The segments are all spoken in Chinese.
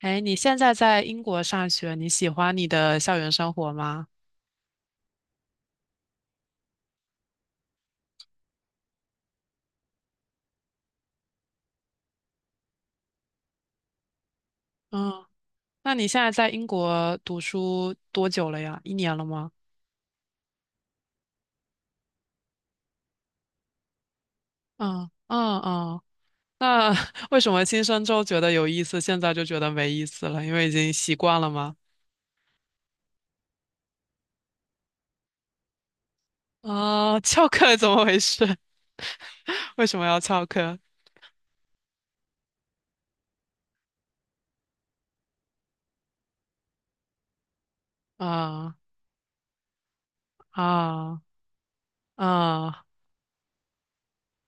哎，你现在在英国上学，你喜欢你的校园生活吗？嗯，那你现在在英国读书多久了呀？一年了吗？嗯嗯嗯，那 为什么新生周觉得有意思，现在就觉得没意思了？因为已经习惯了吗？啊、翘课怎么回事？为什么要翘课？啊啊啊！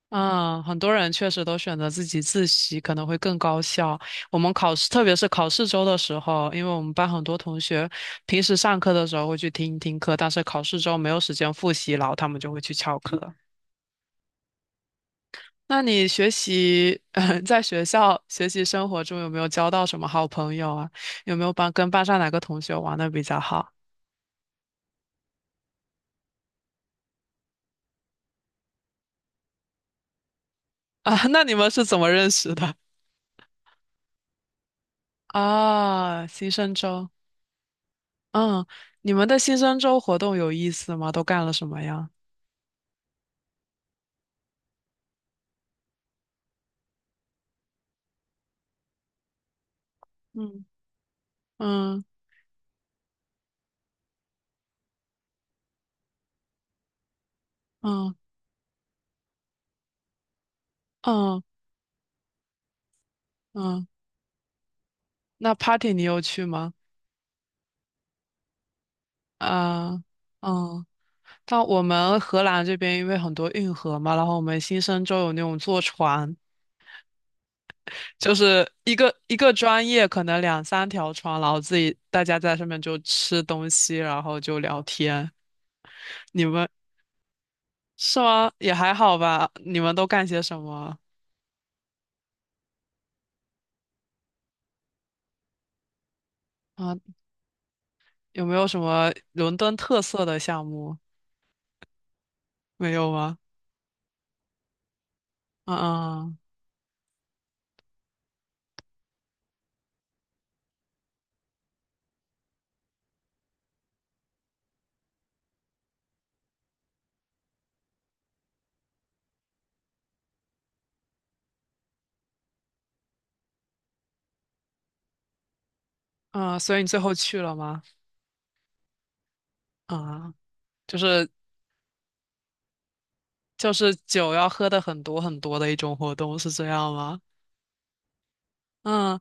嗯，很多人确实都选择自己自习，可能会更高效。我们考试，特别是考试周的时候，因为我们班很多同学平时上课的时候会去听一听课，但是考试周没有时间复习，然后他们就会去翘课。那你学习，在学校学习生活中有没有交到什么好朋友啊？有没有班跟班上哪个同学玩的比较好啊？那你们是怎么认识的？啊，新生周，嗯，你们的新生周活动有意思吗？都干了什么呀？嗯嗯嗯嗯嗯，那 party 你有去吗？啊嗯，但我们荷兰这边因为很多运河嘛，然后我们新生州有那种坐船，就是一个一个专业可能两三条船，然后自己大家在上面就吃东西，然后就聊天。你们是吗？也还好吧。你们都干些什么啊？有没有什么伦敦特色的项目？没有吗？嗯嗯嗯，嗯所以你最后去了吗？啊，就是就是酒要喝的很多很多的一种活动，是这样吗？嗯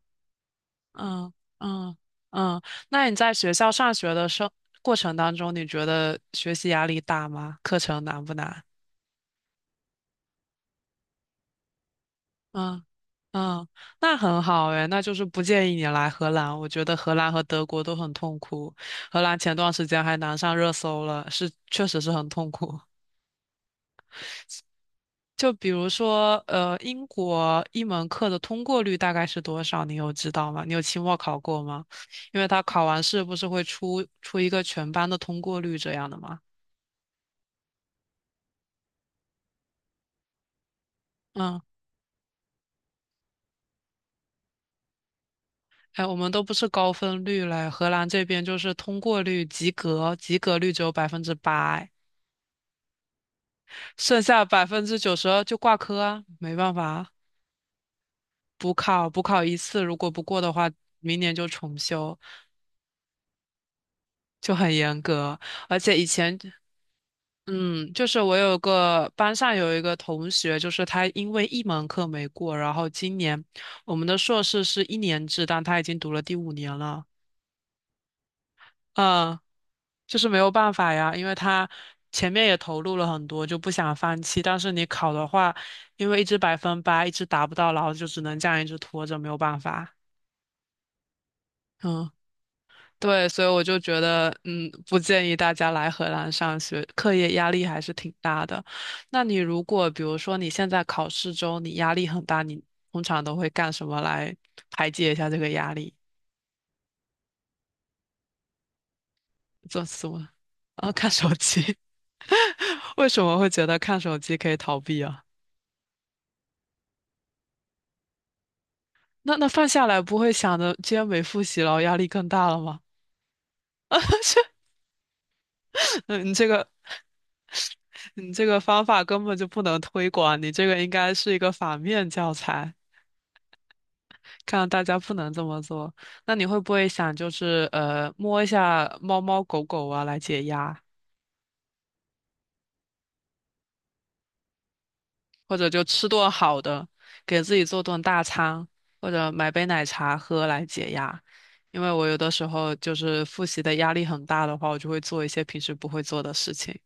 嗯嗯嗯。那你在学校上学的生过程当中，你觉得学习压力大吗？课程难不难？嗯嗯，那很好诶，那就是不建议你来荷兰。我觉得荷兰和德国都很痛苦，荷兰前段时间还难上热搜了，是确实是很痛苦。就比如说，英国一门课的通过率大概是多少？你有知道吗？你有期末考过吗？因为他考完试不是会出一个全班的通过率这样的吗？嗯，哎，我们都不是高分率嘞，荷兰这边就是通过率及格，及格率只有8%，剩下92%就挂科啊，没办法啊补考一次，如果不过的话，明年就重修，就很严格。而且以前嗯，就是我有个班上有一个同学，就是他因为一门课没过，然后今年我们的硕士是1年制，但他已经读了第5年了。嗯，就是没有办法呀，因为他前面也投入了很多，就不想放弃。但是你考的话，因为一直8%，一直达不到，然后就只能这样一直拖着，没有办法。嗯。对，所以我就觉得，嗯，不建议大家来荷兰上学，课业压力还是挺大的。那你如果比如说你现在考试中你压力很大，你通常都会干什么来排解一下这个压力？做什么？啊，看手机。为什么会觉得看手机可以逃避啊？那放下来不会想着今天没复习了，压力更大了吗？嗯，你这个方法根本就不能推广，你这个应该是一个反面教材。看到大家不能这么做，那你会不会想摸一下猫猫狗狗啊来解压，或者就吃顿好的，给自己做顿大餐，或者买杯奶茶喝来解压？因为我有的时候就是复习的压力很大的话，我就会做一些平时不会做的事情，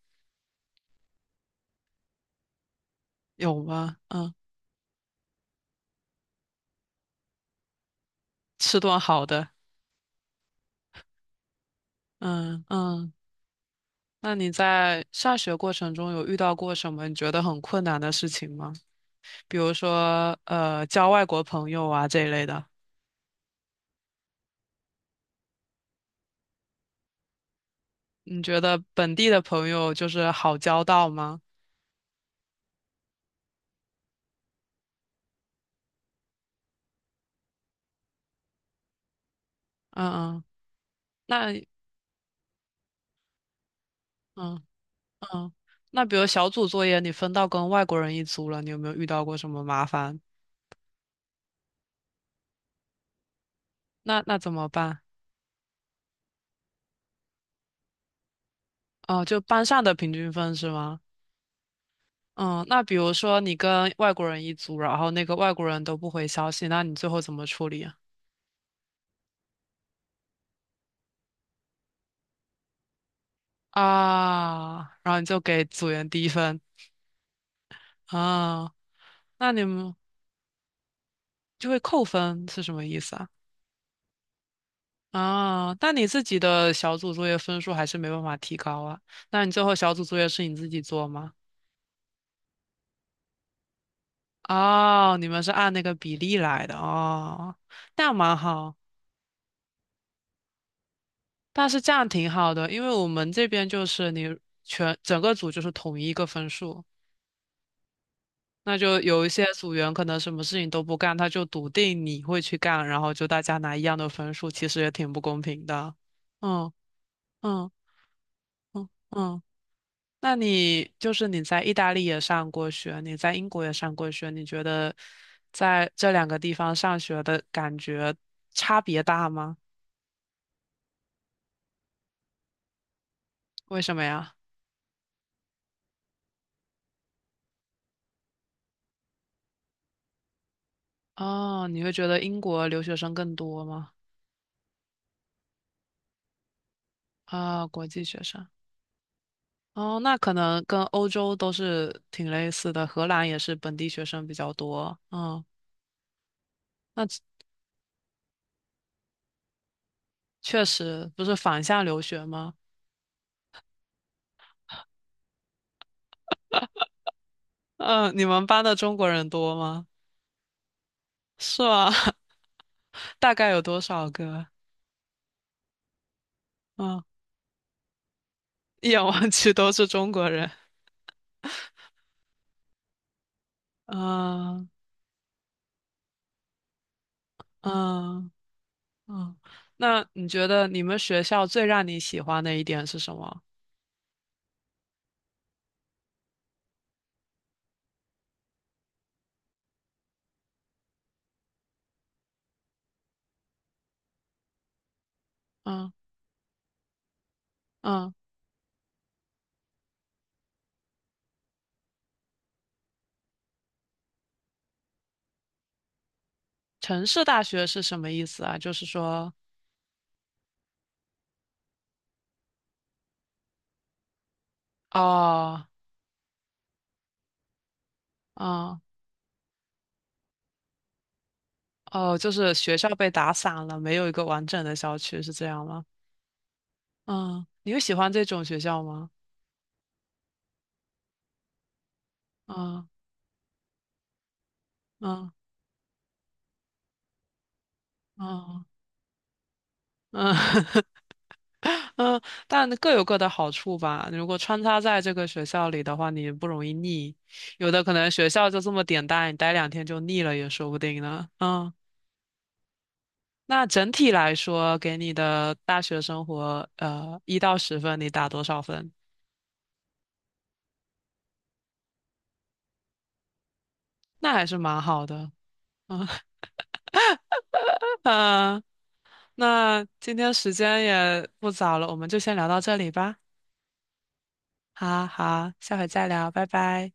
有吗？嗯，吃顿好的，嗯嗯。那你在上学过程中有遇到过什么你觉得很困难的事情吗？比如说交外国朋友啊这一类的。你觉得本地的朋友就是好交到吗？嗯嗯，那嗯嗯，那比如小组作业你分到跟外国人一组了，你有没有遇到过什么麻烦？那怎么办？哦，就班上的平均分是吗？嗯，那比如说你跟外国人一组，然后那个外国人都不回消息，那你最后怎么处理啊？啊，然后你就给组员低分啊，那你们就会扣分是什么意思啊？啊，但你自己的小组作业分数还是没办法提高啊。那你最后小组作业是你自己做吗？哦，你们是按那个比例来的哦，那蛮好，但是这样挺好的，因为我们这边就是你整个组就是统一一个分数，那就有一些组员可能什么事情都不干，他就笃定你会去干，然后就大家拿一样的分数，其实也挺不公平的。嗯嗯嗯嗯。那你就是你在意大利也上过学，你在英国也上过学，你觉得在这两个地方上学的感觉差别大吗？为什么呀？哦，你会觉得英国留学生更多吗？啊，国际学生。哦，那可能跟欧洲都是挺类似的，荷兰也是本地学生比较多。嗯，那确实不是反向留学吗？嗯，你们班的中国人多吗？是吗？大概有多少个？嗯。一眼望去都是中国人。嗯嗯嗯，那你觉得你们学校最让你喜欢的一点是什么？嗯嗯，城市大学是什么意思啊？就是说，哦，嗯哦，就是学校被打散了，没有一个完整的校区，是这样吗？嗯，你有喜欢这种学校吗？嗯嗯嗯嗯，嗯，但各有各的好处吧。如果穿插在这个学校里的话，你不容易腻。有的可能学校就这么点大，你待两天就腻了也说不定呢。嗯，那整体来说，给你的大学生活，1到10分，你打多少分？那还是蛮好的。嗯 嗯那今天时间也不早了，我们就先聊到这里吧。好好，下回再聊，拜拜。